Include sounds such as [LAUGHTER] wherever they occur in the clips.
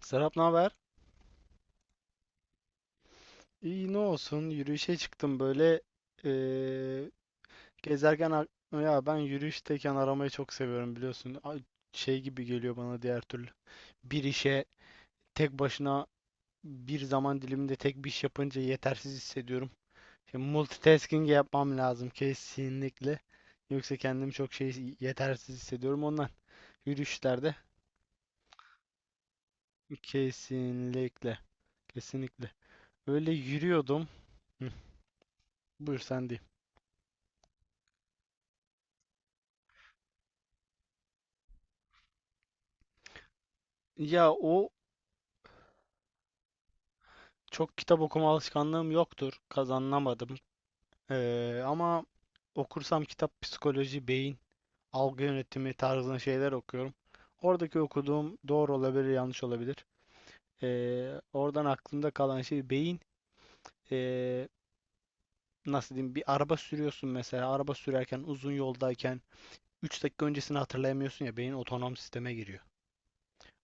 Serap, ne haber? İyi, ne olsun, yürüyüşe çıktım böyle. eee, gezerken ar- Ya, ben yürüyüşteyken aramayı çok seviyorum, biliyorsun Ay, şey gibi geliyor bana diğer türlü. Bir işe tek başına, bir zaman diliminde tek bir iş yapınca yetersiz hissediyorum. Şimdi multitasking yapmam lazım kesinlikle, yoksa kendimi çok şey, yetersiz hissediyorum ondan yürüyüşlerde. Kesinlikle, kesinlikle öyle yürüyordum. Hı, buyur sen diyeyim. Ya o Çok kitap okuma alışkanlığım yoktur. Kazanamadım. Ama okursam kitap psikoloji, beyin, algı yönetimi tarzında şeyler okuyorum. Oradaki okuduğum doğru olabilir, yanlış olabilir. Oradan aklımda kalan şey beyin. Ee, Nasıl diyeyim? Bir araba sürüyorsun mesela. Araba sürerken, uzun yoldayken üç dakika öncesini hatırlayamıyorsun ya. Beyin otonom sisteme giriyor.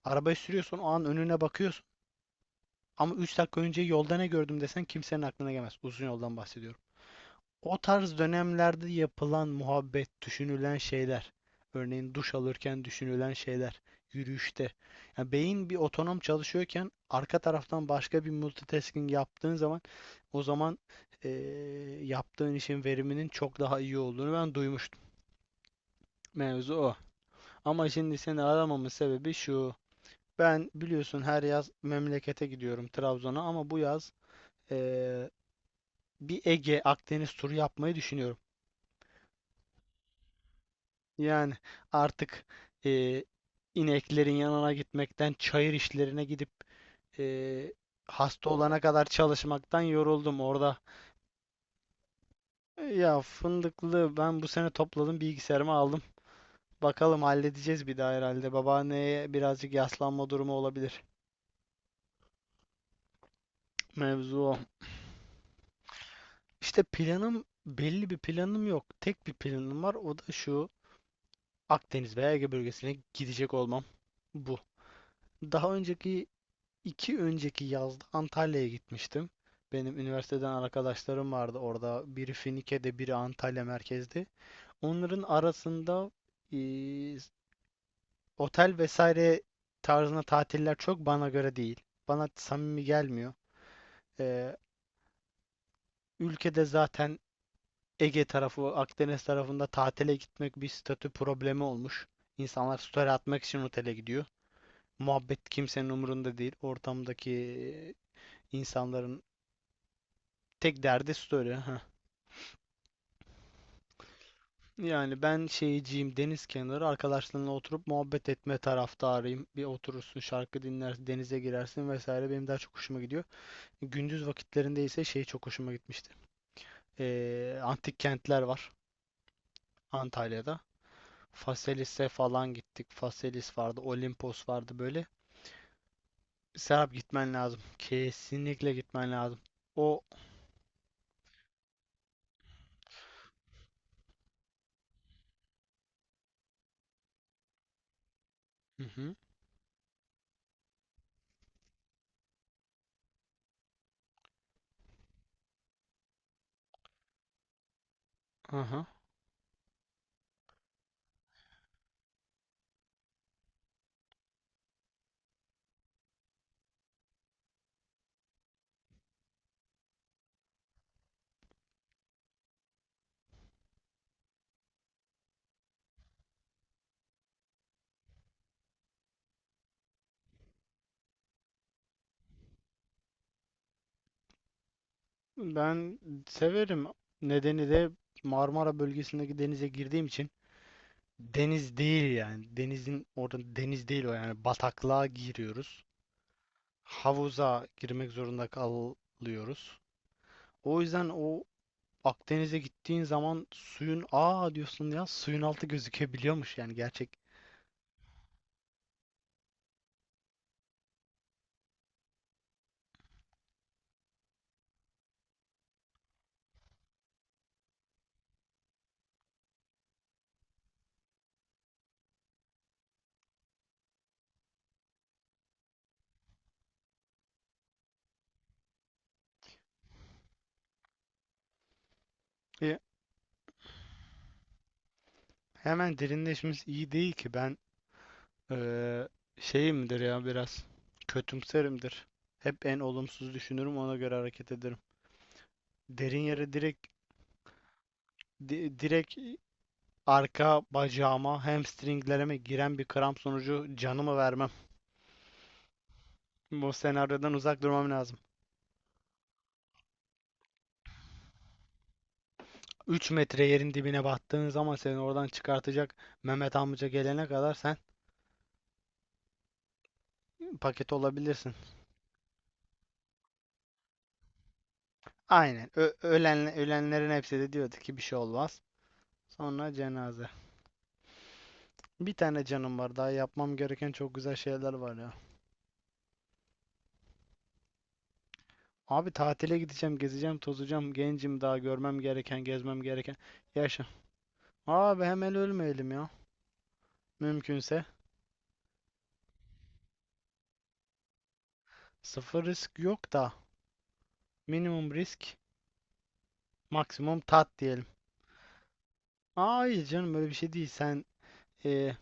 Arabayı sürüyorsun, o an önüne bakıyorsun. Ama 3 dakika önce yolda ne gördüm desen kimsenin aklına gelmez. Uzun yoldan bahsediyorum. O tarz dönemlerde yapılan muhabbet, düşünülen şeyler. Örneğin duş alırken düşünülen şeyler, yürüyüşte. Yani beyin bir otonom çalışıyorken arka taraftan başka bir multitasking yaptığın zaman, o zaman eee, yaptığın işin veriminin çok daha iyi olduğunu ben duymuştum. Mevzu o. Ama şimdi seni aramamın sebebi şu: ben biliyorsun her yaz memlekete gidiyorum Trabzon'a, ama bu yaz eee, bir Ege Akdeniz turu yapmayı düşünüyorum. Yani artık e, ineklerin yanına gitmekten, çayır işlerine gidip e, hasta olana kadar çalışmaktan yoruldum orada. Ya fındıklı ben bu sene topladım, bilgisayarıma aldım. Bakalım, halledeceğiz bir daha herhalde. Babaanneye birazcık yaslanma durumu olabilir. Mevzu o. İşte planım, belli bir planım yok. Tek bir planım var, o da şu: Akdeniz veya Ege bölgesine gidecek olmam. Bu. Daha önceki, iki önceki yazda Antalya'ya gitmiştim. Benim üniversiteden arkadaşlarım vardı orada. Biri Finike'de, biri Antalya merkezde. Onların arasında eee, otel vesaire tarzına tatiller çok bana göre değil. Bana samimi gelmiyor. Eee, Ülkede zaten Ege tarafı, Akdeniz tarafında tatile gitmek bir statü problemi olmuş. İnsanlar story atmak için otele gidiyor. Muhabbet kimsenin umurunda değil. Ortamdaki insanların tek derdi story. Ha, yani ben şeyciyim, deniz kenarı arkadaşlarınla oturup muhabbet etme taraftarıyım. Bir oturursun, şarkı dinlersin, denize girersin vesaire, benim daha çok hoşuma gidiyor. Gündüz vakitlerinde ise şey çok hoşuma gitmişti. Antik kentler var Antalya'da. Faselis'e falan gittik. Faselis vardı, Olimpos vardı böyle. Serap, gitmen lazım. Kesinlikle gitmen lazım. O Hı hı. Aha. Ben severim. Nedeni de Marmara bölgesindeki denize girdiğim için. Deniz değil yani. Denizin orada, deniz değil o yani. Bataklığa giriyoruz. Havuza girmek zorunda kalıyoruz. O yüzden o Akdeniz'e gittiğin zaman suyun, aa diyorsun ya, suyun altı gözükebiliyormuş yani, gerçek. E, Hemen derinleşmemiz iyi değil ki, ben eee şeyimdir ya, biraz kötümserimdir. Hep en olumsuz düşünürüm, ona göre hareket ederim. Derin yere direkt arka bacağıma, hamstringlerime giren bir kramp sonucu canımı vermem. Bu senaryodan uzak durmam lazım. 3 metre yerin dibine battığın zaman seni oradan çıkartacak Mehmet amca gelene kadar sen paket olabilirsin. Aynen. Ölen, ölenlerin hepsi de diyordu ki bir şey olmaz. Sonra cenaze. Bir tane canım var. Daha yapmam gereken çok güzel şeyler var ya. Abi tatile gideceğim, gezeceğim, tozacağım. Gencim, daha görmem gereken, gezmem gereken. Yaşa. Abi hemen ölmeyelim ya. Mümkünse. Sıfır risk yok da, minimum risk, maksimum tat diyelim. Aa, hayır canım, böyle bir şey değil. Sen e,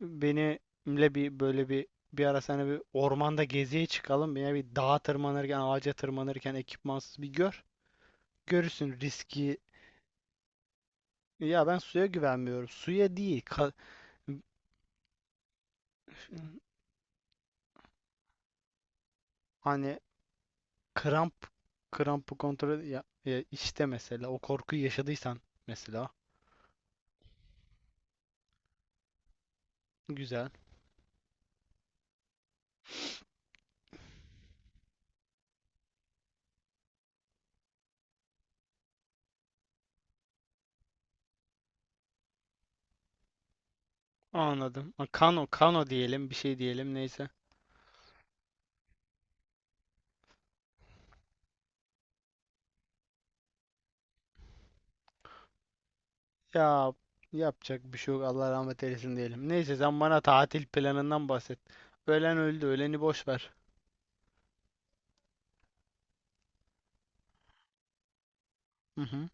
benimle bir, böyle bir ara sana, bir ormanda geziye çıkalım. Ya bir dağa tırmanırken, ağaca tırmanırken ekipmansız bir gör. Görürsün riski. Ya ben suya güvenmiyorum. Suya değil. Hani kramp, krampı kontrol ya, ya işte mesela o korkuyu yaşadıysan mesela, güzel. Anladım. Ha, kano, kano diyelim, bir şey diyelim neyse. Ya, yapacak bir şey yok. Allah rahmet eylesin diyelim. Neyse, sen bana tatil planından bahset. Ölen öldü. Öleni boş ver. Hı hı.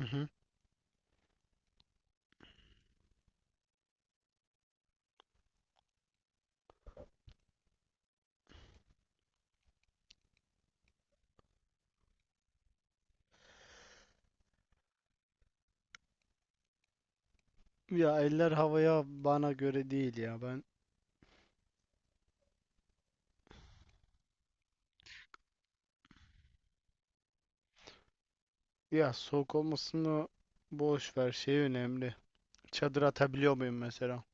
Hı hı. Ya, eller havaya bana göre değil ya. Ben, ya soğuk olmasını boş ver. Şey önemli. Çadır atabiliyor muyum mesela?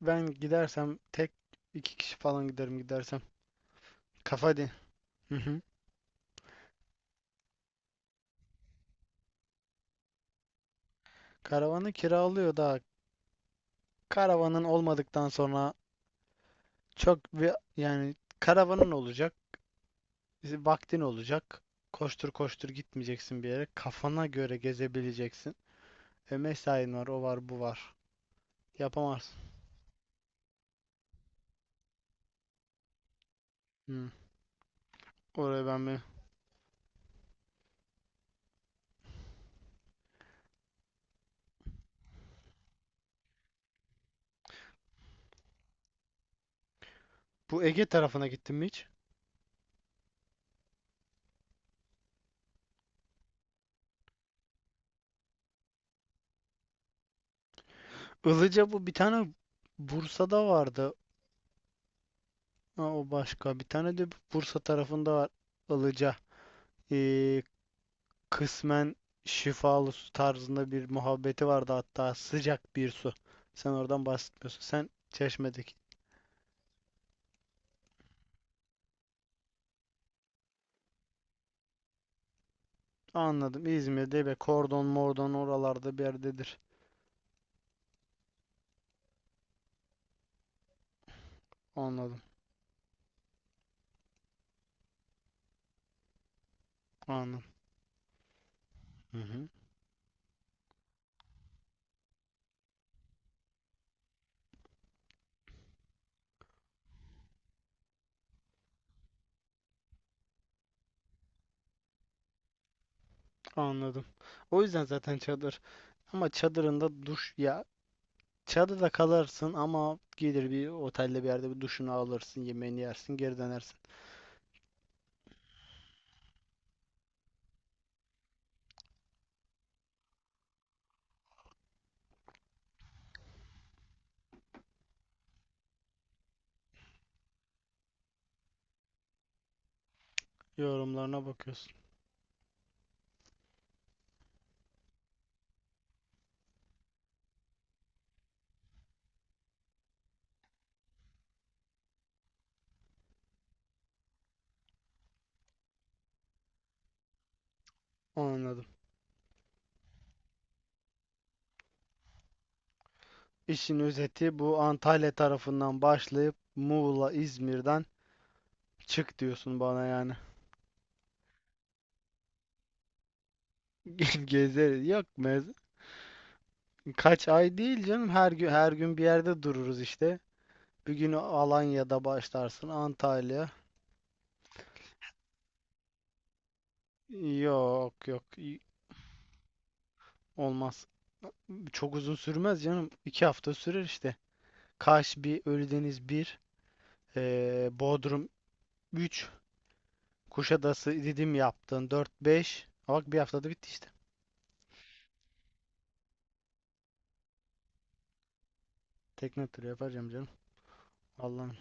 Ben gidersem tek, iki kişi falan giderim gidersem. Kafa din. Hı hı. Karavanı kiralıyor da, karavanın olmadıktan sonra çok bir, yani karavanın olacak. Bizi vaktin olacak. Koştur koştur gitmeyeceksin bir yere. Kafana göre gezebileceksin. E mesain var, o var, bu var. Yapamazsın. Hı. Oraya ben mi? Bu Ege tarafına gittin mi hiç? Ilıca, bu bir tane Bursa'da vardı. Ha, o başka. Bir tane de Bursa tarafında var. Ilıca. Ee, Kısmen şifalı su tarzında bir muhabbeti vardı, hatta sıcak bir su. Sen oradan bahsetmiyorsun. Sen Çeşme'deki. Anladım. İzmir'de ve kordon mordon oralarda bir yerdedir. Anladım. Anladım. Hı hı. Anladım. O yüzden zaten çadır. Ama çadırında duş ya, çadırda kalarsın ama gelir bir otelde, bir yerde bir duşunu alırsın, yemeğini yersin, geri dönersin. Yorumlarına bakıyorsun. Anladım. İşin özeti: bu Antalya tarafından başlayıp Muğla, İzmir'den çık diyorsun bana yani. [LAUGHS] Gezeriz. Yok mez Kaç ay değil canım. Her gün, her gün bir yerde dururuz işte. Bir gün Alanya'da başlarsın, Antalya. Yok yok, olmaz. Çok uzun sürmez canım. İki hafta sürer işte. Kaş bir, Ölüdeniz bir, Bodrum üç, Kuşadası dedim yaptın dört beş, bak bir haftada bitti işte. Tekne turu yapacağım canım. Allah'ım,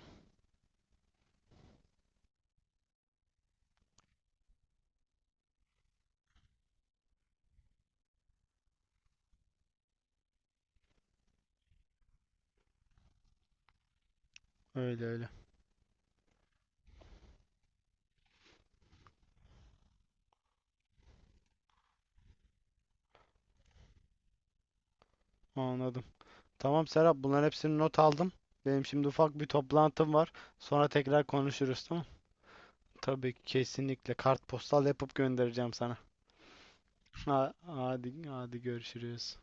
öyle öyle. Anladım. Tamam Serap, bunların hepsini not aldım. Benim şimdi ufak bir toplantım var. Sonra tekrar konuşuruz, tamam. Tabii, kesinlikle kartpostal yapıp göndereceğim sana. [LAUGHS] Ha, hadi hadi, görüşürüz.